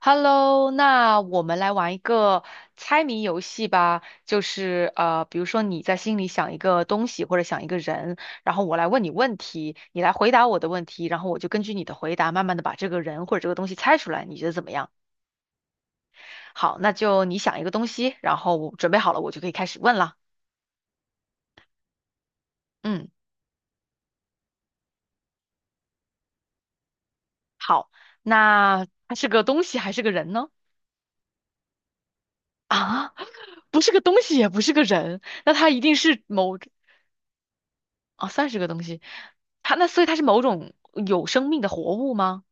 Hello，那我们来玩一个猜谜游戏吧，就是比如说你在心里想一个东西或者想一个人，然后我来问你问题，你来回答我的问题，然后我就根据你的回答慢慢的把这个人或者这个东西猜出来，你觉得怎么样？好，那就你想一个东西，然后我准备好了，我就可以开始问了。嗯，好，那它是个东西还是个人呢？啊，不是个东西，也不是个人，那它一定是某哦，算是个东西。所以它是某种有生命的活物吗？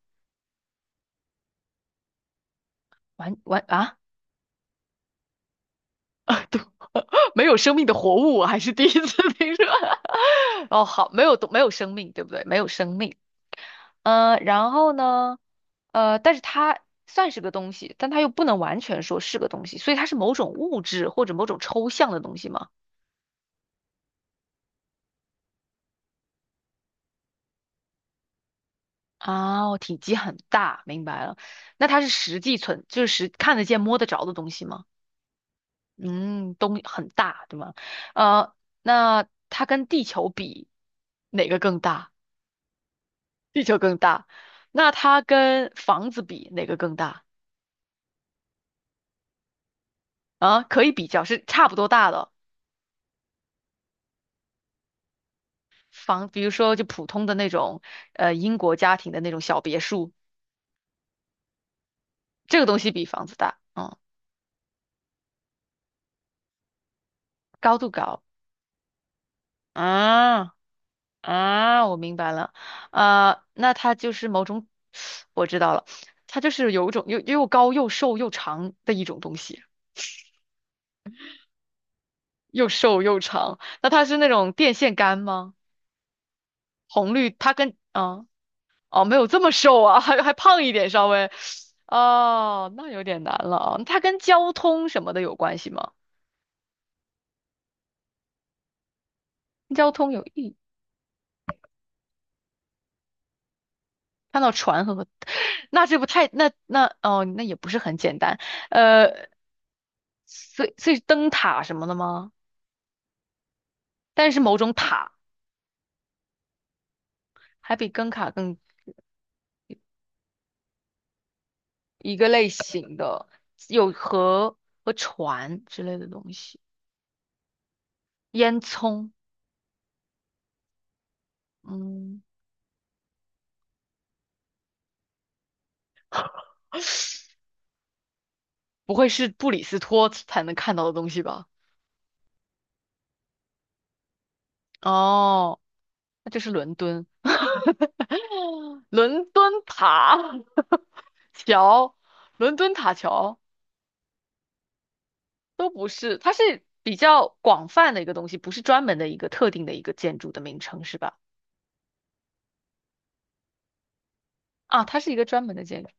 完完啊啊，对，没有生命的活物，我还是第一次 听说。哦，好，没有没有生命，对不对？没有生命。然后呢？但是它算是个东西，但它又不能完全说是个东西，所以它是某种物质或者某种抽象的东西吗？啊哦，体积很大，明白了。那它是实际存，就是实看得见、摸得着的东西吗？嗯，东很大，对吗？呃，那它跟地球比，哪个更大？地球更大。那它跟房子比，哪个更大？啊，可以比较，是差不多大的比如说就普通的那种，英国家庭的那种小别墅，这个东西比房子大，嗯，高度高。啊，啊，我明白了。啊，那它就是某种，我知道了，它就是有一种又高又瘦又长的一种东西。又瘦又长。那它是那种电线杆吗？红绿，它跟啊哦，没有这么瘦啊，还胖一点稍微。哦，那有点难了啊。它跟交通什么的有关系吗？交通有意，看到船和，那这不太哦，那也不是很简单。呃，所以灯塔什么的吗？但是某种塔，还比灯塔更一个类型的，有河和船之类的东西。烟囱，嗯。不会是布里斯托才能看到的东西吧？哦，那就是伦敦，伦敦塔 桥，伦敦塔桥都不是，它是比较广泛的一个东西，不是专门的一个特定的一个建筑的名称，是吧？啊，它是一个专门的建筑，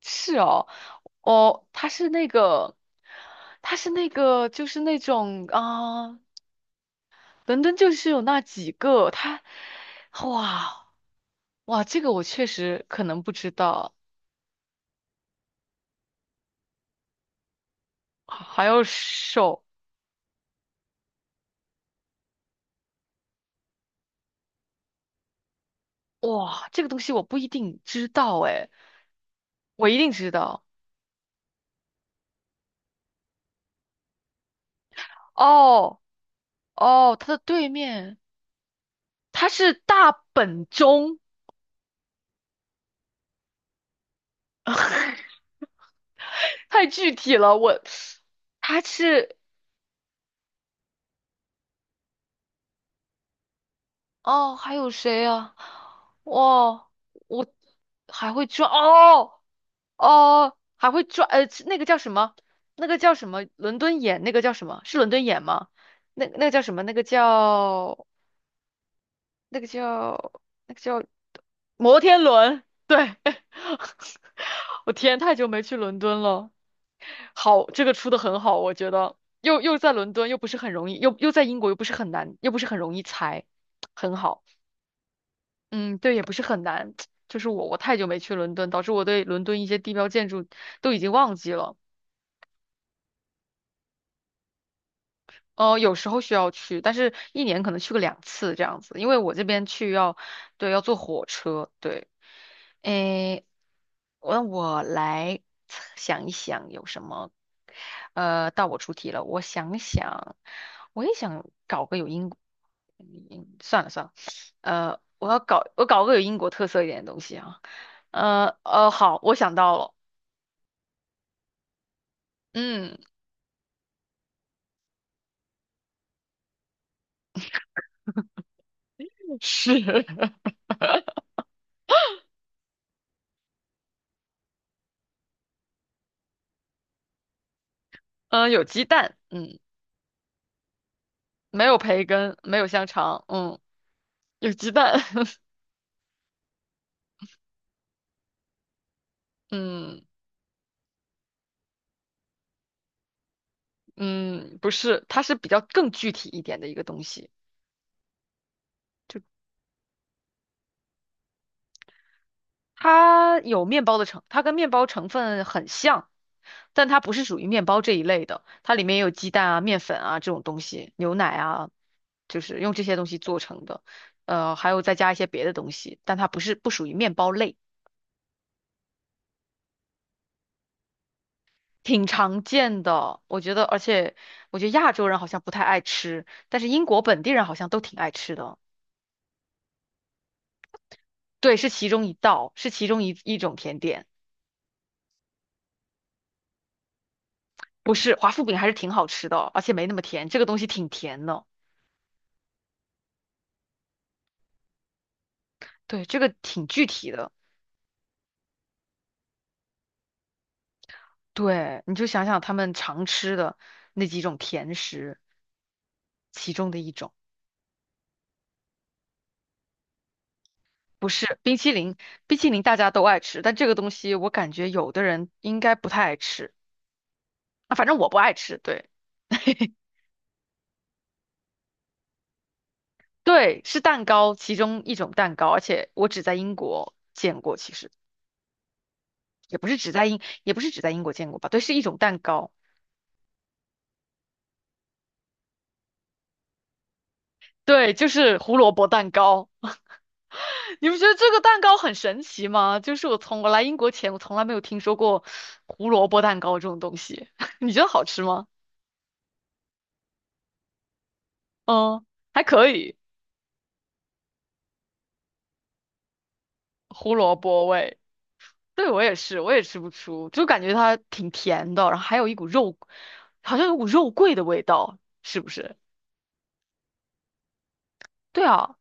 是哦，哦，它是那个，它是那个，就是那种啊，伦敦就是有那几个，它，哇，哇，这个我确实可能不知道。还有手，哇，这个东西我不一定知道哎，我一定知道。哦，哦，它的对面，它是大本钟，太具体了，我，它是哦，还有谁啊？哇，我还会转哦，哦，还会转，那个叫什么？那个叫什么？伦敦眼，那个叫什么？是伦敦眼吗？那那个叫什么？那个叫那个叫那个叫摩天轮，我天，太久没去伦敦了。好，这个出的很好，我觉得又在伦敦，又不是很容易，又在英国，又不是很难，又不是很容易猜，很好。嗯，对，也不是很难。就是我太久没去伦敦，导致我对伦敦一些地标建筑都已经忘记了。哦，有时候需要去，但是一年可能去个两次这样子，因为我这边去要，对，要坐火车，对。诶，我来想一想有什么，到我出题了，我想想，我也想搞个有英，嗯，算了算了，我要搞，个有英国特色一点的东西啊，好，我想到了，嗯，是，有鸡蛋，嗯。没有培根，没有香肠，嗯，有鸡蛋，嗯嗯，不是，它是比较更具体一点的一个东西，就它跟面包成分很像，但它不是属于面包这一类的，它里面有鸡蛋啊、面粉啊这种东西，牛奶啊，就是用这些东西做成的，还有再加一些别的东西，但它不是不属于面包类。挺常见的，我觉得，而且我觉得亚洲人好像不太爱吃，但是英国本地人好像都挺爱吃的。对，是其中一道，是其中一种甜点，不是华夫饼，还是挺好吃的，而且没那么甜，这个东西挺甜的。对，这个挺具体的。对，你就想想他们常吃的那几种甜食，其中的一种。不是冰淇淋，冰淇淋大家都爱吃，但这个东西我感觉有的人应该不太爱吃。啊，反正我不爱吃，对。对，是蛋糕，其中一种蛋糕，而且我只在英国见过，其实也不是只在英，也不是只在英国见过吧，对，是一种蛋糕，对，就是胡萝卜蛋糕。你不觉得这个蛋糕很神奇吗？就是我从我来英国前，我从来没有听说过胡萝卜蛋糕这种东西。你觉得好吃吗？嗯，还可以，胡萝卜味。对，我也是，我也吃不出，就感觉它挺甜的，然后还有一股肉，好像有股肉桂的味道，是不是？对啊，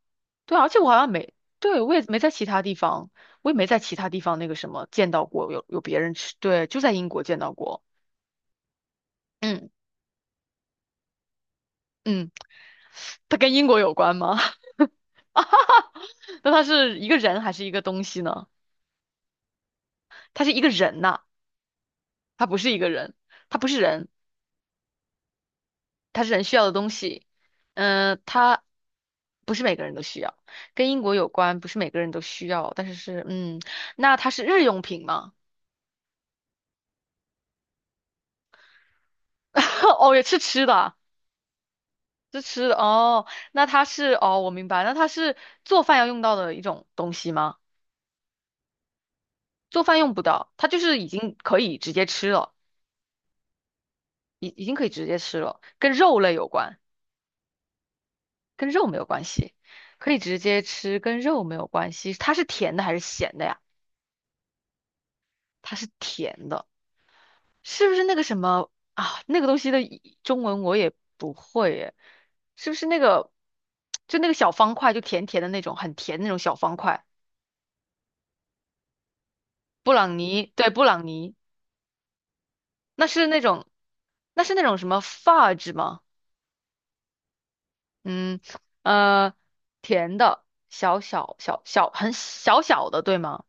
对啊，而且我好像没，对，我也没在其他地方，我也没在其他地方那个什么见到过有别人吃，对，就在英国见到过。嗯嗯，它跟英国有关吗？那它是一个人还是一个东西呢？它是一个人呐、它不是一个人，它不是人，它是人需要的东西。嗯、它不是每个人都需要，跟英国有关，不是每个人都需要，但是是嗯，那它是日用品吗？哦，也是吃的。这吃的哦，那它是哦，我明白，那它是做饭要用到的一种东西吗？做饭用不到，它就是已经可以直接吃了，已经可以直接吃了，跟肉类有关，跟肉没有关系，可以直接吃，跟肉没有关系。它是甜的还是咸的呀？它是甜的，是不是那个什么啊？那个东西的一中文我也不会耶，是不是那个就那个小方块，就甜甜的那种，很甜的那种小方块？布朗尼，对，布朗尼。那是那种，那是那种什么发质吗？嗯，呃，甜的，小小小小，很小小的，对吗？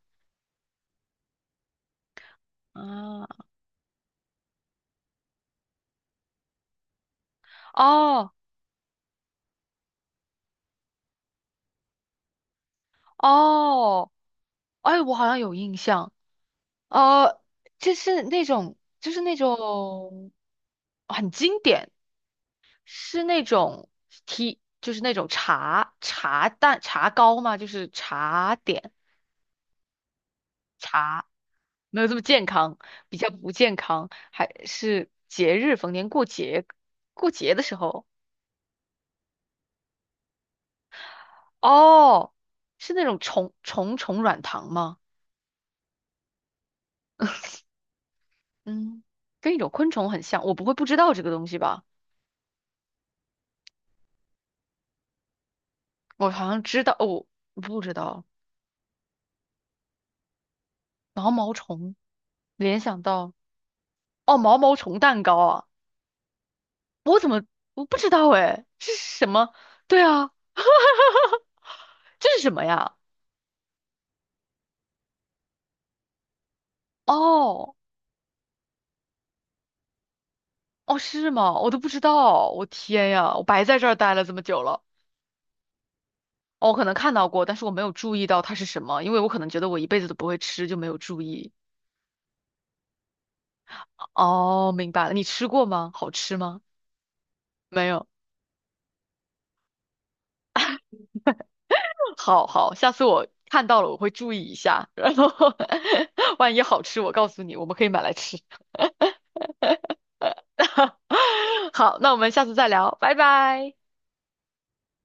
啊，哦，哦，哎，我好像有印象，呃，就是那种，就是那种很经典，是那种 T，就是那种茶糕吗？就是茶点。啊。没有这么健康，比较不健康，还是节日，逢年过节，过节的时候，哦，是那种虫软糖吗？嗯，跟一种昆虫很像，我不会不知道这个东西吧？我好像知道，哦，不知道毛毛虫，联想到哦，毛毛虫蛋糕啊，我怎么我不知道哎，这是什么？对啊，这是什么呀？哦，哦，是吗？我都不知道，我天呀，我白在这儿待了这么久了。哦，我可能看到过，但是我没有注意到它是什么，因为我可能觉得我一辈子都不会吃，就没有注意。哦，明白了，你吃过吗？好吃吗？没有。好好，下次我看到了我会注意一下，然后 万一好吃，我告诉你，我们可以买来吃。好，那我们下次再聊，拜拜。